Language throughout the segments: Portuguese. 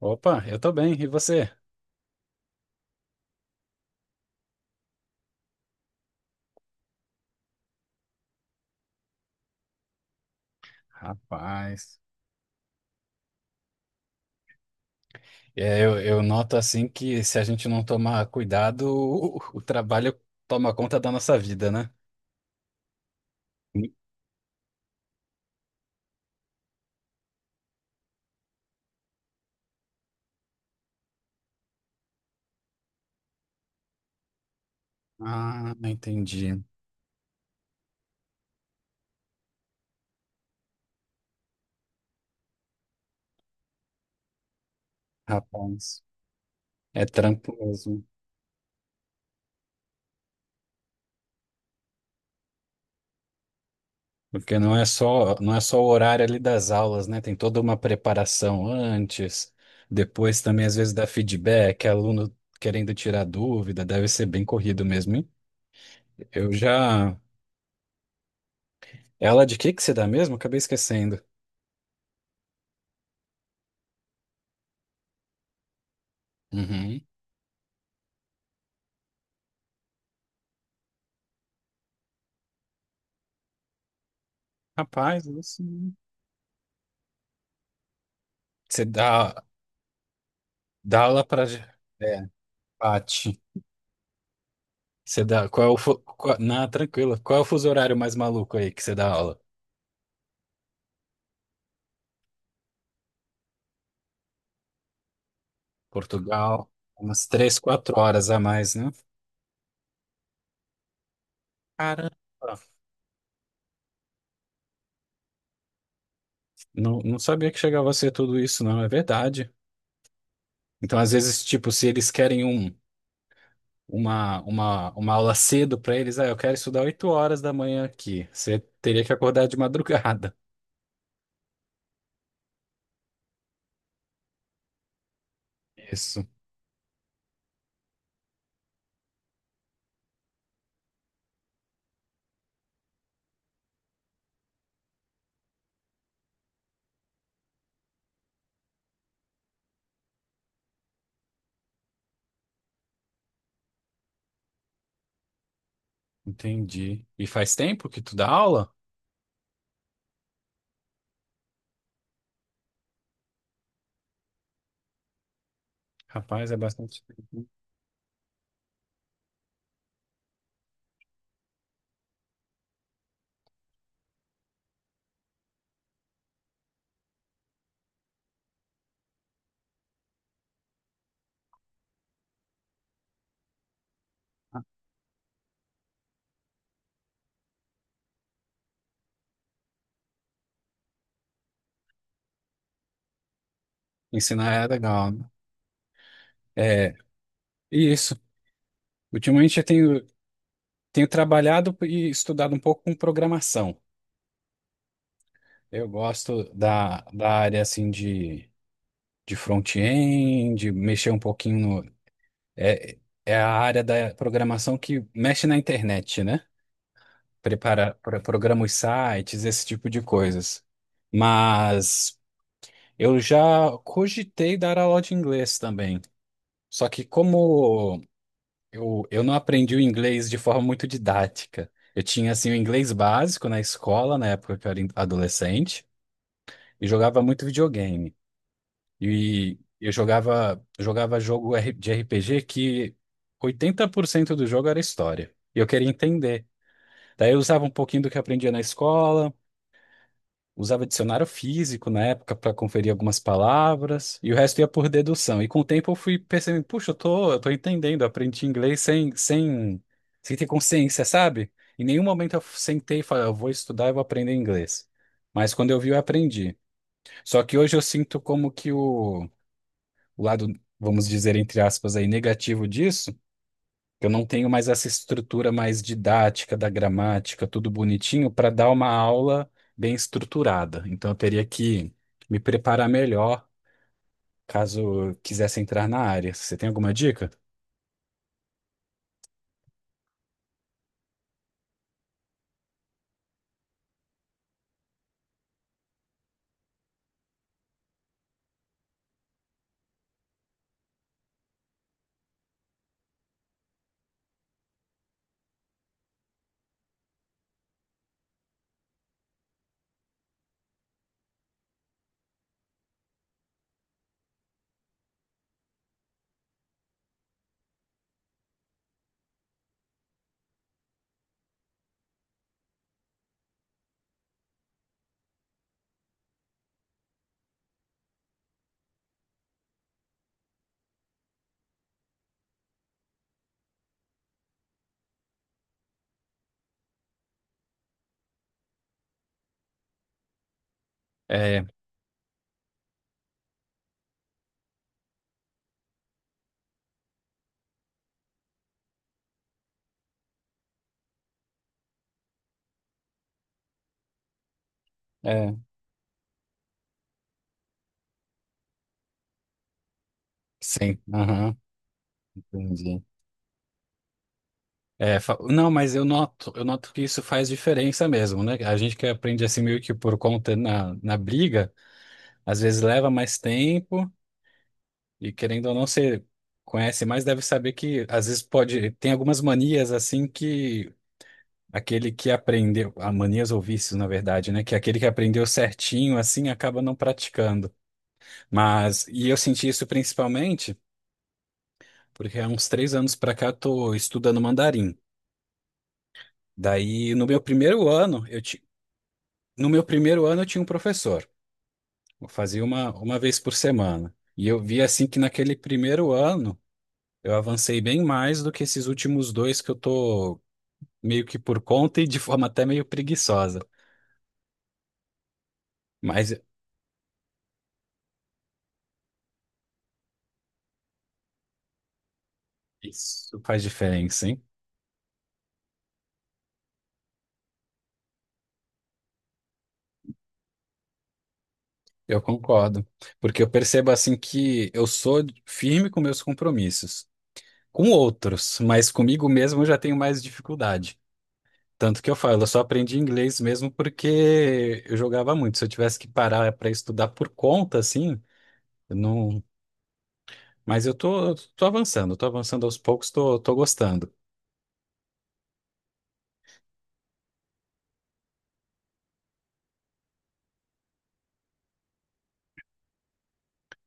Opa, eu tô bem, e você? Rapaz. Eu noto assim que se a gente não tomar cuidado, o trabalho toma conta da nossa vida, né? Sim. Ah, entendi. Rapaz, é trampo mesmo. Porque não é só, não é só o horário ali das aulas, né? Tem toda uma preparação antes, depois também às vezes dá feedback, aluno querendo tirar dúvida, deve ser bem corrido mesmo, hein? Eu já... Ela de que você dá mesmo? Acabei esquecendo. Uhum. Rapaz, isso. Você dá, dá aula pra. É, Pati. Você dá. Qual é o. Qual, não, tranquilo. Qual é o fuso horário mais maluco aí que você dá aula? Portugal, umas três, quatro horas a mais, né? Caramba. Não, não sabia que chegava a ser tudo isso, não. É verdade. Então, às vezes, tipo, se eles querem uma aula cedo pra eles, ah, eu quero estudar oito horas da manhã aqui. Você teria que acordar de madrugada. Isso, entendi. E faz tempo que tu dá aula? Rapaz, é bastante. Ensinar é legal, né? É, e isso. Ultimamente eu tenho, tenho trabalhado e estudado um pouco com programação. Eu gosto da área assim de front-end, de mexer um pouquinho no. É, é a área da programação que mexe na internet, né? Prepara, programa os sites, esse tipo de coisas. Mas eu já cogitei dar aula de inglês também. Só que como eu não aprendi o inglês de forma muito didática. Eu tinha, assim, o inglês básico na escola, na época que eu era adolescente, e jogava muito videogame. E eu jogava, jogava jogo de RPG que 80% do jogo era história. E eu queria entender. Daí eu usava um pouquinho do que eu aprendia na escola. Usava dicionário físico na época para conferir algumas palavras, e o resto ia por dedução. E com o tempo eu fui percebendo, puxa, eu tô entendendo, eu aprendi inglês sem ter consciência, sabe? Em nenhum momento eu sentei e falei, "Ah, eu vou estudar, eu vou aprender inglês." Mas quando eu vi, eu aprendi. Só que hoje eu sinto como que o lado, vamos dizer, entre aspas, aí, negativo disso. Eu não tenho mais essa estrutura mais didática da gramática, tudo bonitinho, para dar uma aula bem estruturada. Então eu teria que me preparar melhor caso eu quisesse entrar na área. Você tem alguma dica? É, é, sim, aham, entendi. Não, mas eu noto que isso faz diferença mesmo, né? A gente que aprende assim meio que por conta na briga, às vezes leva mais tempo. E querendo ou não, você conhece mais, deve saber que às vezes pode. Tem algumas manias assim que aquele que aprendeu. Manias ou vícios, na verdade, né? Que é aquele que aprendeu certinho assim acaba não praticando. Mas. E eu senti isso principalmente porque há uns três anos pra cá eu tô estudando mandarim. Daí, no meu primeiro ano, no meu primeiro ano eu tinha um professor. Eu fazia uma vez por semana. E eu vi assim que naquele primeiro ano eu avancei bem mais do que esses últimos dois que eu tô meio que por conta e de forma até meio preguiçosa. Mas isso faz diferença, hein? Eu concordo. Porque eu percebo assim que eu sou firme com meus compromissos. Com outros, mas comigo mesmo eu já tenho mais dificuldade. Tanto que eu falo, eu só aprendi inglês mesmo porque eu jogava muito. Se eu tivesse que parar para estudar por conta, assim, eu não. Mas eu tô, tô avançando aos poucos, tô, tô gostando.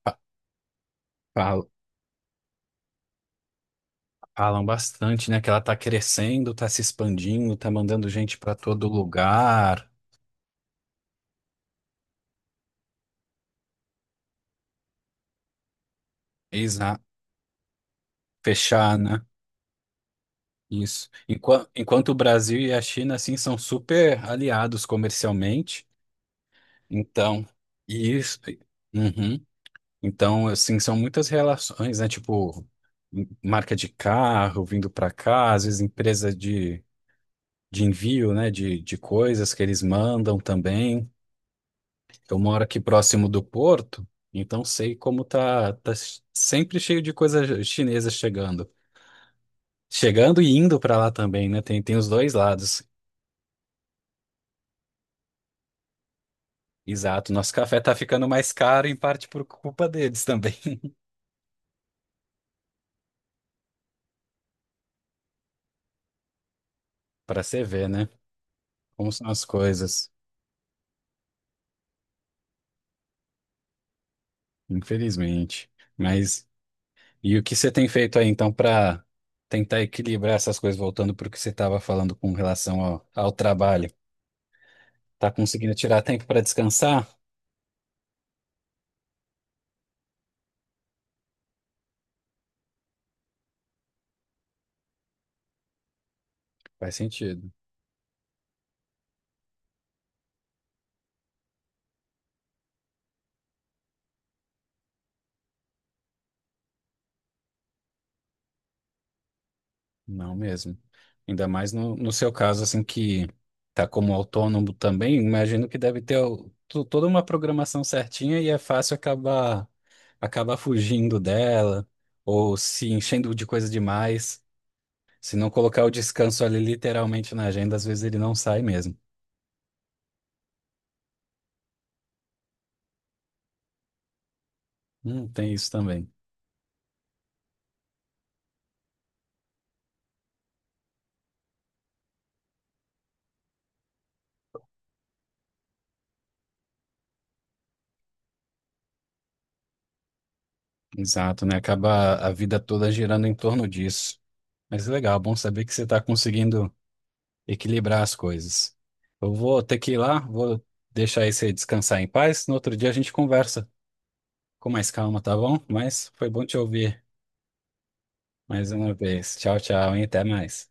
Fa- Fala. Falam bastante, né? Que ela tá crescendo, tá se expandindo, tá mandando gente pra todo lugar. Exato. Fechar, né? Isso. Enquanto, o Brasil e a China, assim, são super aliados comercialmente. Então, isso. Uhum. Então, assim, são muitas relações, né? Tipo, marca de carro vindo para cá, às vezes empresa de envio, né? De coisas que eles mandam também. Eu moro aqui próximo do porto, então sei como tá, tá sempre cheio de coisa chinesa chegando. Chegando e indo para lá também, né? Tem, tem os dois lados. Exato. Nosso café tá ficando mais caro, em parte por culpa deles também. Para você ver, né? Como são as coisas, infelizmente. Mas e o que você tem feito aí então para tentar equilibrar essas coisas, voltando para o que você estava falando com relação ao trabalho? Tá conseguindo tirar tempo para descansar? Faz sentido. Não mesmo. Ainda mais no seu caso, assim, que tá como autônomo também, imagino que deve ter toda uma programação certinha e é fácil acabar, acabar fugindo dela ou se enchendo de coisa demais. Se não colocar o descanso ali literalmente na agenda, às vezes ele não sai mesmo. Tem isso também. Exato, né? Acaba a vida toda girando em torno disso. Mas legal, bom saber que você está conseguindo equilibrar as coisas. Eu vou ter que ir lá, vou deixar aí você descansar em paz. No outro dia a gente conversa com mais calma, tá bom? Mas foi bom te ouvir mais uma vez. Tchau, tchau, e até mais.